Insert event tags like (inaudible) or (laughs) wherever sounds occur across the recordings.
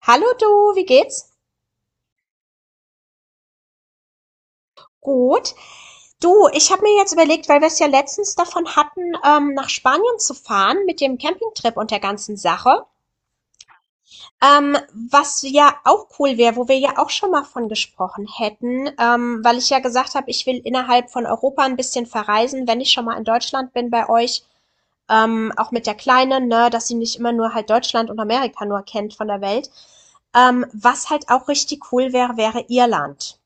Hallo du, wie geht's? Gut. Du, ich habe mir jetzt überlegt, weil wir es ja letztens davon hatten, nach Spanien zu fahren mit dem Campingtrip und der ganzen Sache. Was ja auch cool wäre, wo wir ja auch schon mal von gesprochen hätten, weil ich ja gesagt habe, ich will innerhalb von Europa ein bisschen verreisen, wenn ich schon mal in Deutschland bin bei euch, auch mit der Kleinen, ne, dass sie nicht immer nur halt Deutschland und Amerika nur kennt von der Welt. Was halt auch richtig cool wäre, wäre Irland.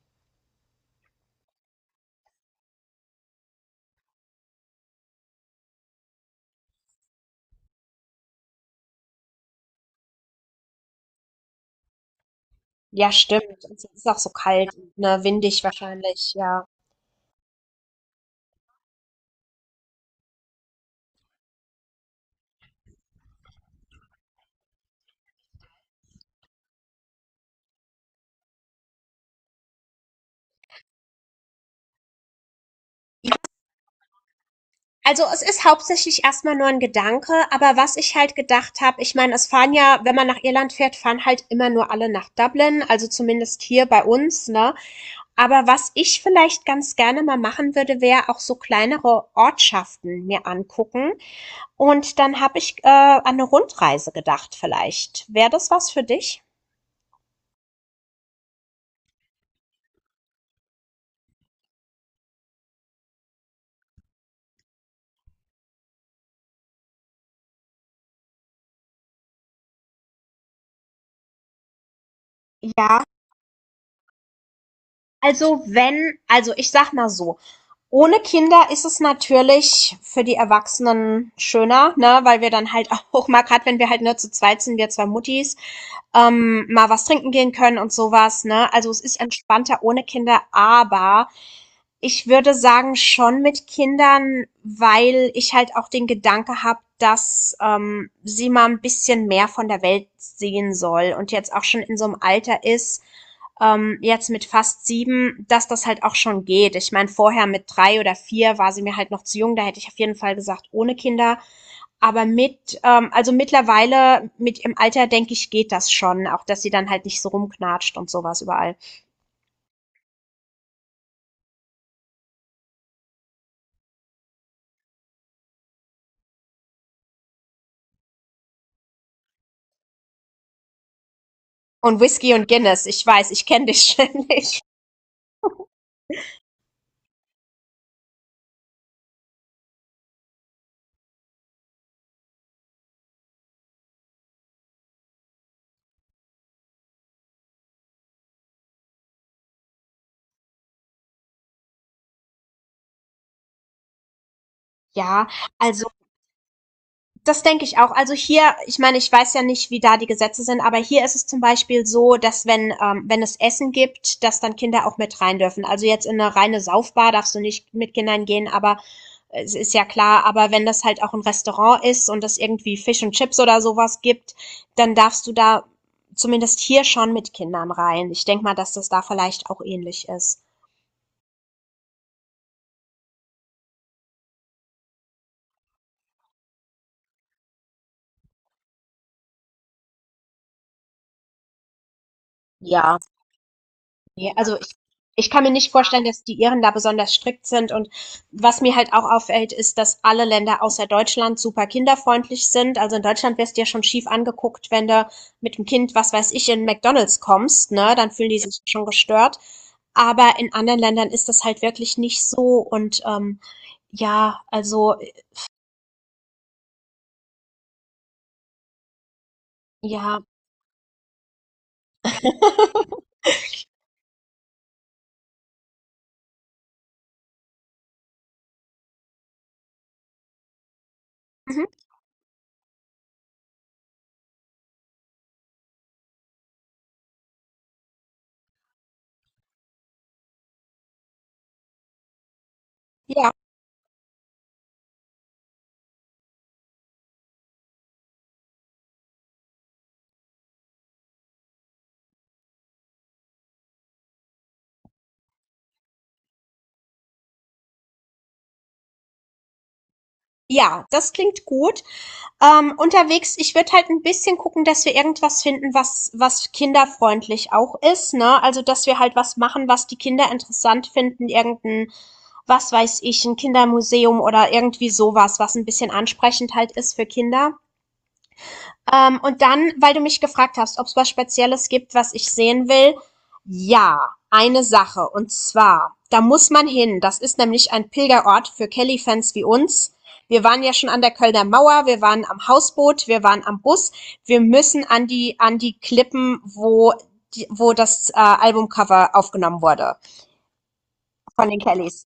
Ja, stimmt. Es ist auch so kalt, ne, windig wahrscheinlich, ja. Also es ist hauptsächlich erstmal nur ein Gedanke, aber was ich halt gedacht habe, ich meine, es fahren ja, wenn man nach Irland fährt, fahren halt immer nur alle nach Dublin, also zumindest hier bei uns, ne? Aber was ich vielleicht ganz gerne mal machen würde, wäre auch so kleinere Ortschaften mir angucken. Und dann habe ich an eine Rundreise gedacht vielleicht. Wäre das was für dich? Ja, also wenn also ich sag mal so, ohne Kinder ist es natürlich für die Erwachsenen schöner, ne, weil wir dann halt (laughs) auch mal, gerade, wenn wir halt nur zu zweit sind, wir zwei Muttis, mal was trinken gehen können und sowas, ne? Also es ist entspannter ohne Kinder, aber ich würde sagen schon mit Kindern, weil ich halt auch den Gedanke habe, dass sie mal ein bisschen mehr von der Welt sehen soll und jetzt auch schon in so einem Alter ist, jetzt mit fast sieben, dass das halt auch schon geht. Ich meine, vorher mit drei oder vier war sie mir halt noch zu jung, da hätte ich auf jeden Fall gesagt, ohne Kinder. Aber mit, also mittlerweile, mit im Alter, denke ich, geht das schon. Auch, dass sie dann halt nicht so rumknatscht und sowas überall. Und Whisky und Guinness, ich weiß, ich kenne dich ständig. (laughs) Ja, also das denke ich auch. Also hier, ich meine, ich weiß ja nicht, wie da die Gesetze sind, aber hier ist es zum Beispiel so, dass wenn, wenn es Essen gibt, dass dann Kinder auch mit rein dürfen. Also jetzt in eine reine Saufbar darfst du nicht mit Kindern gehen, aber es ist ja klar, aber wenn das halt auch ein Restaurant ist und es irgendwie Fisch und Chips oder sowas gibt, dann darfst du da zumindest hier schon mit Kindern rein. Ich denke mal, dass das da vielleicht auch ähnlich ist. Ja, ne, also ich kann mir nicht vorstellen, dass die Iren da besonders strikt sind. Und was mir halt auch auffällt, ist, dass alle Länder außer Deutschland super kinderfreundlich sind. Also in Deutschland wirst du ja schon schief angeguckt, wenn du mit dem Kind, was weiß ich, in McDonald's kommst, ne? Dann fühlen die sich schon gestört. Aber in anderen Ländern ist das halt wirklich nicht so. Und ja, also ja. (laughs) Mhm. Ja, ja, das klingt gut. Unterwegs, ich würde halt ein bisschen gucken, dass wir irgendwas finden, was kinderfreundlich auch ist, ne? Also, dass wir halt was machen, was die Kinder interessant finden, irgendein, was weiß ich, ein Kindermuseum oder irgendwie sowas, was ein bisschen ansprechend halt ist für Kinder. Und dann, weil du mich gefragt hast, ob es was Spezielles gibt, was ich sehen will. Ja, eine Sache. Und zwar, da muss man hin. Das ist nämlich ein Pilgerort für Kelly-Fans wie uns. Wir waren ja schon an der Kölner Mauer, wir waren am Hausboot, wir waren am Bus. Wir müssen an die Klippen, wo, die, wo das Albumcover aufgenommen wurde von den Kellys.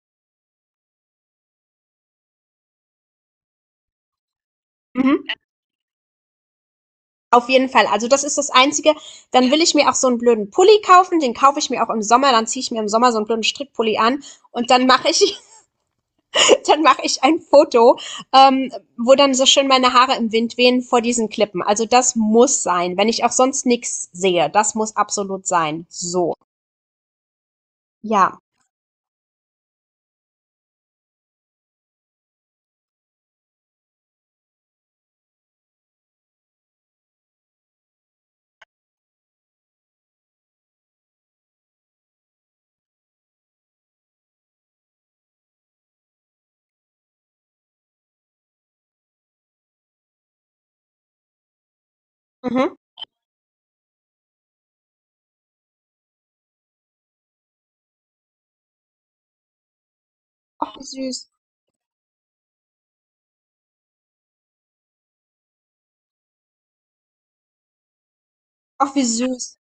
Mhm. Auf jeden Fall. Also das ist das Einzige. Dann will ich mir auch so einen blöden Pulli kaufen. Den kaufe ich mir auch im Sommer. Dann ziehe ich mir im Sommer so einen blöden Strickpulli an und (laughs) dann mache ich ein Foto, ähm, wo dann so schön meine Haare im Wind wehen vor diesen Klippen. Also das muss sein, wenn ich auch sonst nichts sehe. Das muss absolut sein. So, ja. Mhm. Ach wie süß. Ach wie süß.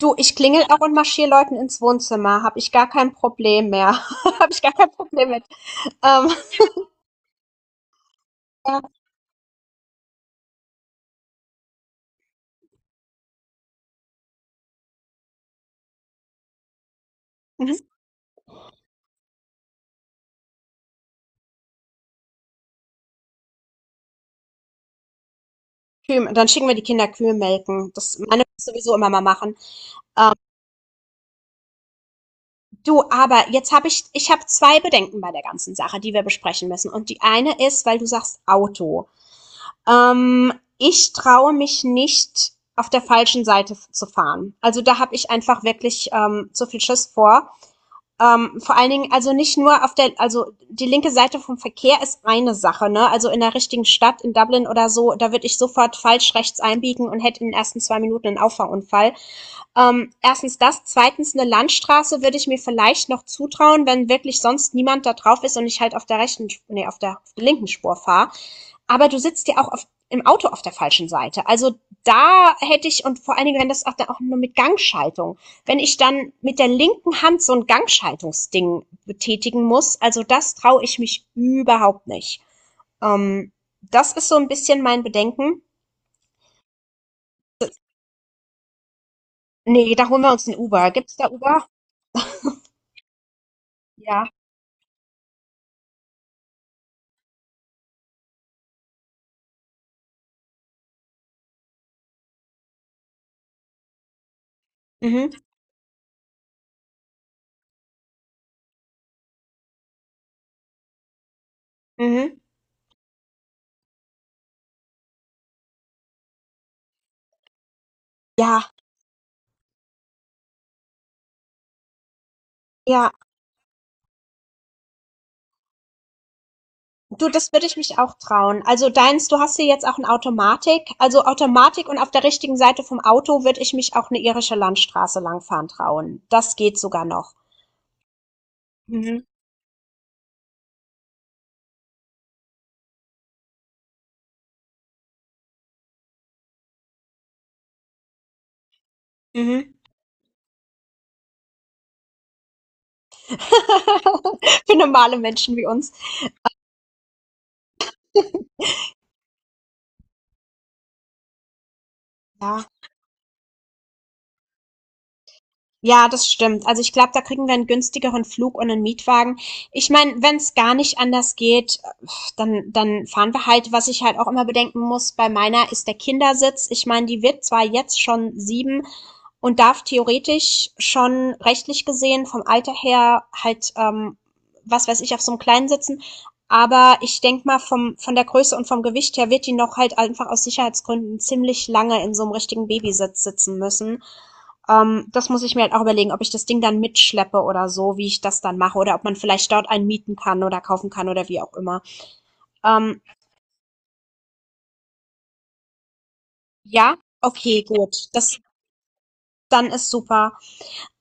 Du, ich klingel auch und marschiere Leuten ins Wohnzimmer. Habe ich gar kein Problem mehr. (laughs) Habe ich gar kein Problem mit. Ähm, ja. Mhm. Kühe, dann schicken wir die Kinder Kühe melken. Das meine ich sowieso immer mal machen. Ähm, du, aber ich habe zwei Bedenken bei der ganzen Sache, die wir besprechen müssen. Und die eine ist, weil du sagst Auto. Ähm, ich traue mich nicht, auf der falschen Seite zu fahren. Also da habe ich einfach wirklich zu viel Schiss vor. Vor allen Dingen, also nicht nur auf der, also die linke Seite vom Verkehr ist eine Sache, ne? Also in der richtigen Stadt, in Dublin oder so, da würde ich sofort falsch rechts einbiegen und hätte in den ersten zwei Minuten einen Auffahrunfall. Erstens das, zweitens eine Landstraße würde ich mir vielleicht noch zutrauen, wenn wirklich sonst niemand da drauf ist und ich halt auf der rechten, nee, auf der linken Spur fahre. Aber du sitzt ja im Auto auf der falschen Seite. Also da hätte ich, und vor allen Dingen, wenn das auch, dann auch nur mit Gangschaltung, wenn ich dann mit der linken Hand so ein Gangschaltungsding betätigen muss, also das traue ich mich überhaupt nicht. Ähm, das ist so ein bisschen mein Bedenken. Nee, da holen wir uns ein Uber. Gibt's da Uber? Ja. Mhm, mhm. Ja, ja. Du, das würde ich mich auch trauen. Also deins, du hast hier jetzt auch in Automatik. Also Automatik und auf der richtigen Seite vom Auto würde ich mich auch eine irische Landstraße langfahren trauen. Das geht sogar noch. Mhm. Mhm. (laughs) Für normale Menschen wie uns. Ja. Ja, das stimmt. Also ich glaube, da kriegen wir einen günstigeren Flug und einen Mietwagen. Ich meine, wenn es gar nicht anders geht, dann fahren wir halt. Was ich halt auch immer bedenken muss, bei meiner ist der Kindersitz. Ich meine, die wird zwar jetzt schon 7 und darf theoretisch schon rechtlich gesehen vom Alter her halt, was weiß ich, auf so einem Kleinen sitzen, aber ich denk mal, vom von der Größe und vom Gewicht her wird die noch halt einfach aus Sicherheitsgründen ziemlich lange in so einem richtigen Babysitz sitzen müssen. Das muss ich mir halt auch überlegen, ob ich das Ding dann mitschleppe oder so, wie ich das dann mache, oder ob man vielleicht dort einen mieten kann oder kaufen kann oder wie auch immer. Ähm, ja, okay, gut. Das dann ist super.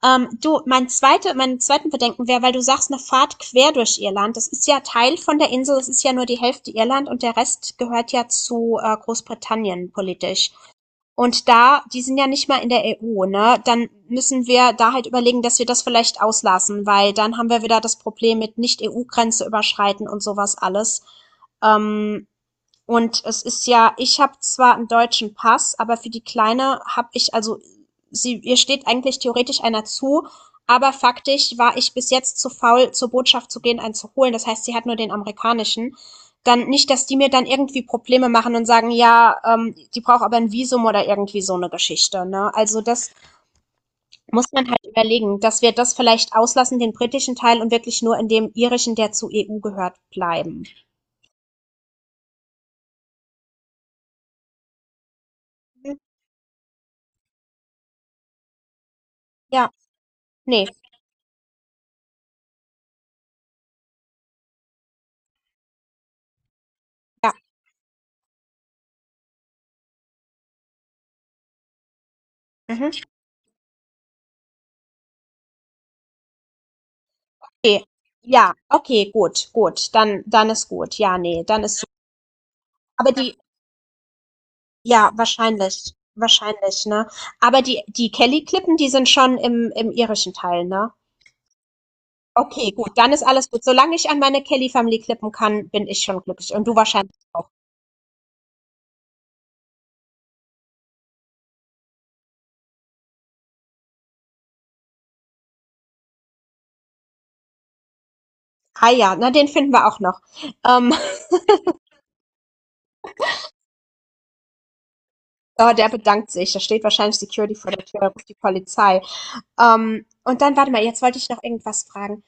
Du, mein zweiten Bedenken wäre, weil du sagst, eine Fahrt quer durch Irland. Das ist ja Teil von der Insel, es ist ja nur die Hälfte Irland und der Rest gehört ja zu Großbritannien politisch. Und da, die sind ja nicht mal in der EU, ne? Dann müssen wir da halt überlegen, dass wir das vielleicht auslassen, weil dann haben wir wieder das Problem mit Nicht-EU-Grenze überschreiten und sowas alles. Ähm, und es ist ja, ich habe zwar einen deutschen Pass, aber für die Kleine habe ich, also sie, ihr steht eigentlich theoretisch einer zu, aber faktisch war ich bis jetzt zu faul, zur Botschaft zu gehen, einen zu holen. Das heißt, sie hat nur den amerikanischen. Dann nicht, dass die mir dann irgendwie Probleme machen und sagen, ja, die braucht aber ein Visum oder irgendwie so eine Geschichte. Ne? Also das muss man halt überlegen, dass wir das vielleicht auslassen, den britischen Teil und wirklich nur in dem irischen, der zur EU gehört, bleiben. Ja, nee, ja. Mhm. Okay, ja, okay, gut, gut, dann ist gut. Ja, nee, dann ist aber die ja, wahrscheinlich, wahrscheinlich, ne? Aber die Kelly-Klippen, die sind schon im irischen Teil, ne? Okay, gut, dann ist alles gut. Solange ich an meine Kelly-Family klippen kann, bin ich schon glücklich und du wahrscheinlich auch. Ah ja, na, den finden wir auch noch. Ähm, (laughs) oh, der bedankt sich. Da steht wahrscheinlich Security vor der Tür, ruft die Polizei. Und dann, warte mal, jetzt wollte ich noch irgendwas fragen.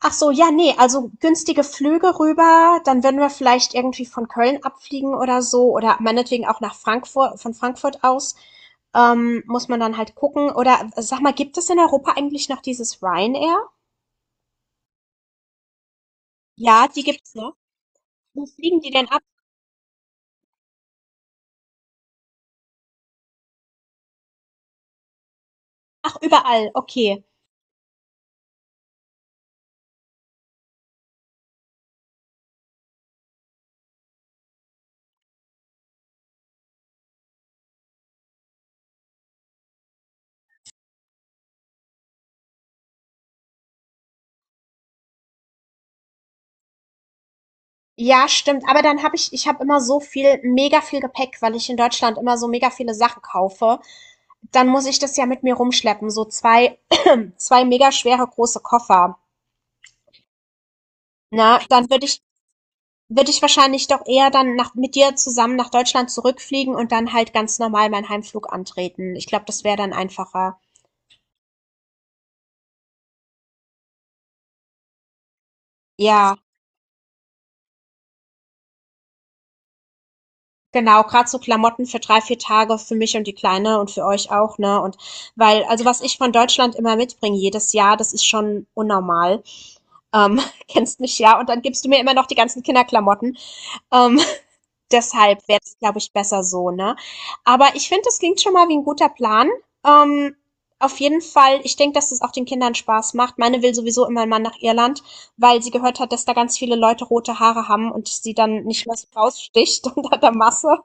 Ach so, ja, ne, also günstige Flüge rüber, dann würden wir vielleicht irgendwie von Köln abfliegen oder so oder meinetwegen auch nach Frankfurt, von Frankfurt aus. Muss man dann halt gucken. Oder sag mal, gibt es in Europa eigentlich noch dieses Ryanair? Ja, die gibt's noch. Wo fliegen die denn ab? Ach, überall. Okay. Ja, stimmt. Aber ich habe immer so viel, mega viel Gepäck, weil ich in Deutschland immer so mega viele Sachen kaufe. Dann muss ich das ja mit mir rumschleppen. So zwei mega schwere große Koffer. Na, dann würde ich wahrscheinlich doch eher mit dir zusammen nach Deutschland zurückfliegen und dann halt ganz normal meinen Heimflug antreten. Ich glaube, das wäre dann einfacher. Ja, genau. Gerade so Klamotten für drei, vier Tage für mich und die Kleine und für euch auch, ne? Und weil, also was ich von Deutschland immer mitbringe jedes Jahr, das ist schon unnormal. Ähm, (laughs) kennst mich ja. Und dann gibst du mir immer noch die ganzen Kinderklamotten. Ähm, (laughs) deshalb wäre es, glaube ich, besser so, ne? Aber ich finde, das klingt schon mal wie ein guter Plan. Ähm, auf jeden Fall, ich denke, dass es auch den Kindern Spaß macht. Meine will sowieso immer mal nach Irland, weil sie gehört hat, dass da ganz viele Leute rote Haare haben und sie dann nicht mehr so raussticht (laughs) unter der Masse.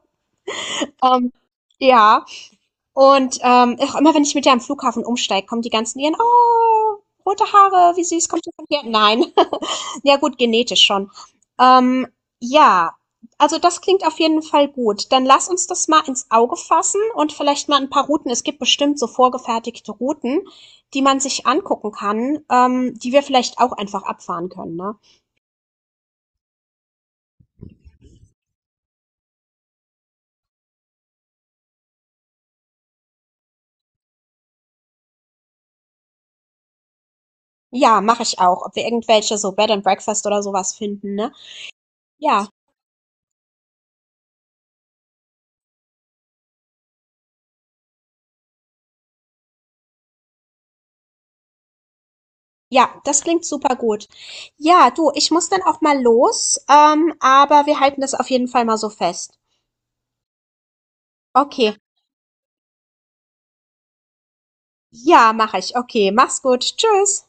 Ähm, ja. Und auch immer, wenn ich mit ihr am Flughafen umsteige, kommen die ganzen ihren, oh, rote Haare, wie süß, kommt ihr von hier? Nein. (laughs) Ja gut, genetisch schon. Ähm, ja, also das klingt auf jeden Fall gut. Dann lass uns das mal ins Auge fassen und vielleicht mal ein paar Routen. Es gibt bestimmt so vorgefertigte Routen, die man sich angucken kann, die wir vielleicht auch einfach abfahren können, ne? Ja, mache ich auch. Ob wir irgendwelche so Bed and Breakfast oder sowas finden, ne? Ja. Ja, das klingt super gut. Ja, du, ich muss dann auch mal los, aber wir halten das auf jeden Fall mal so fest. Okay. Ja, mache ich. Okay, mach's gut. Tschüss.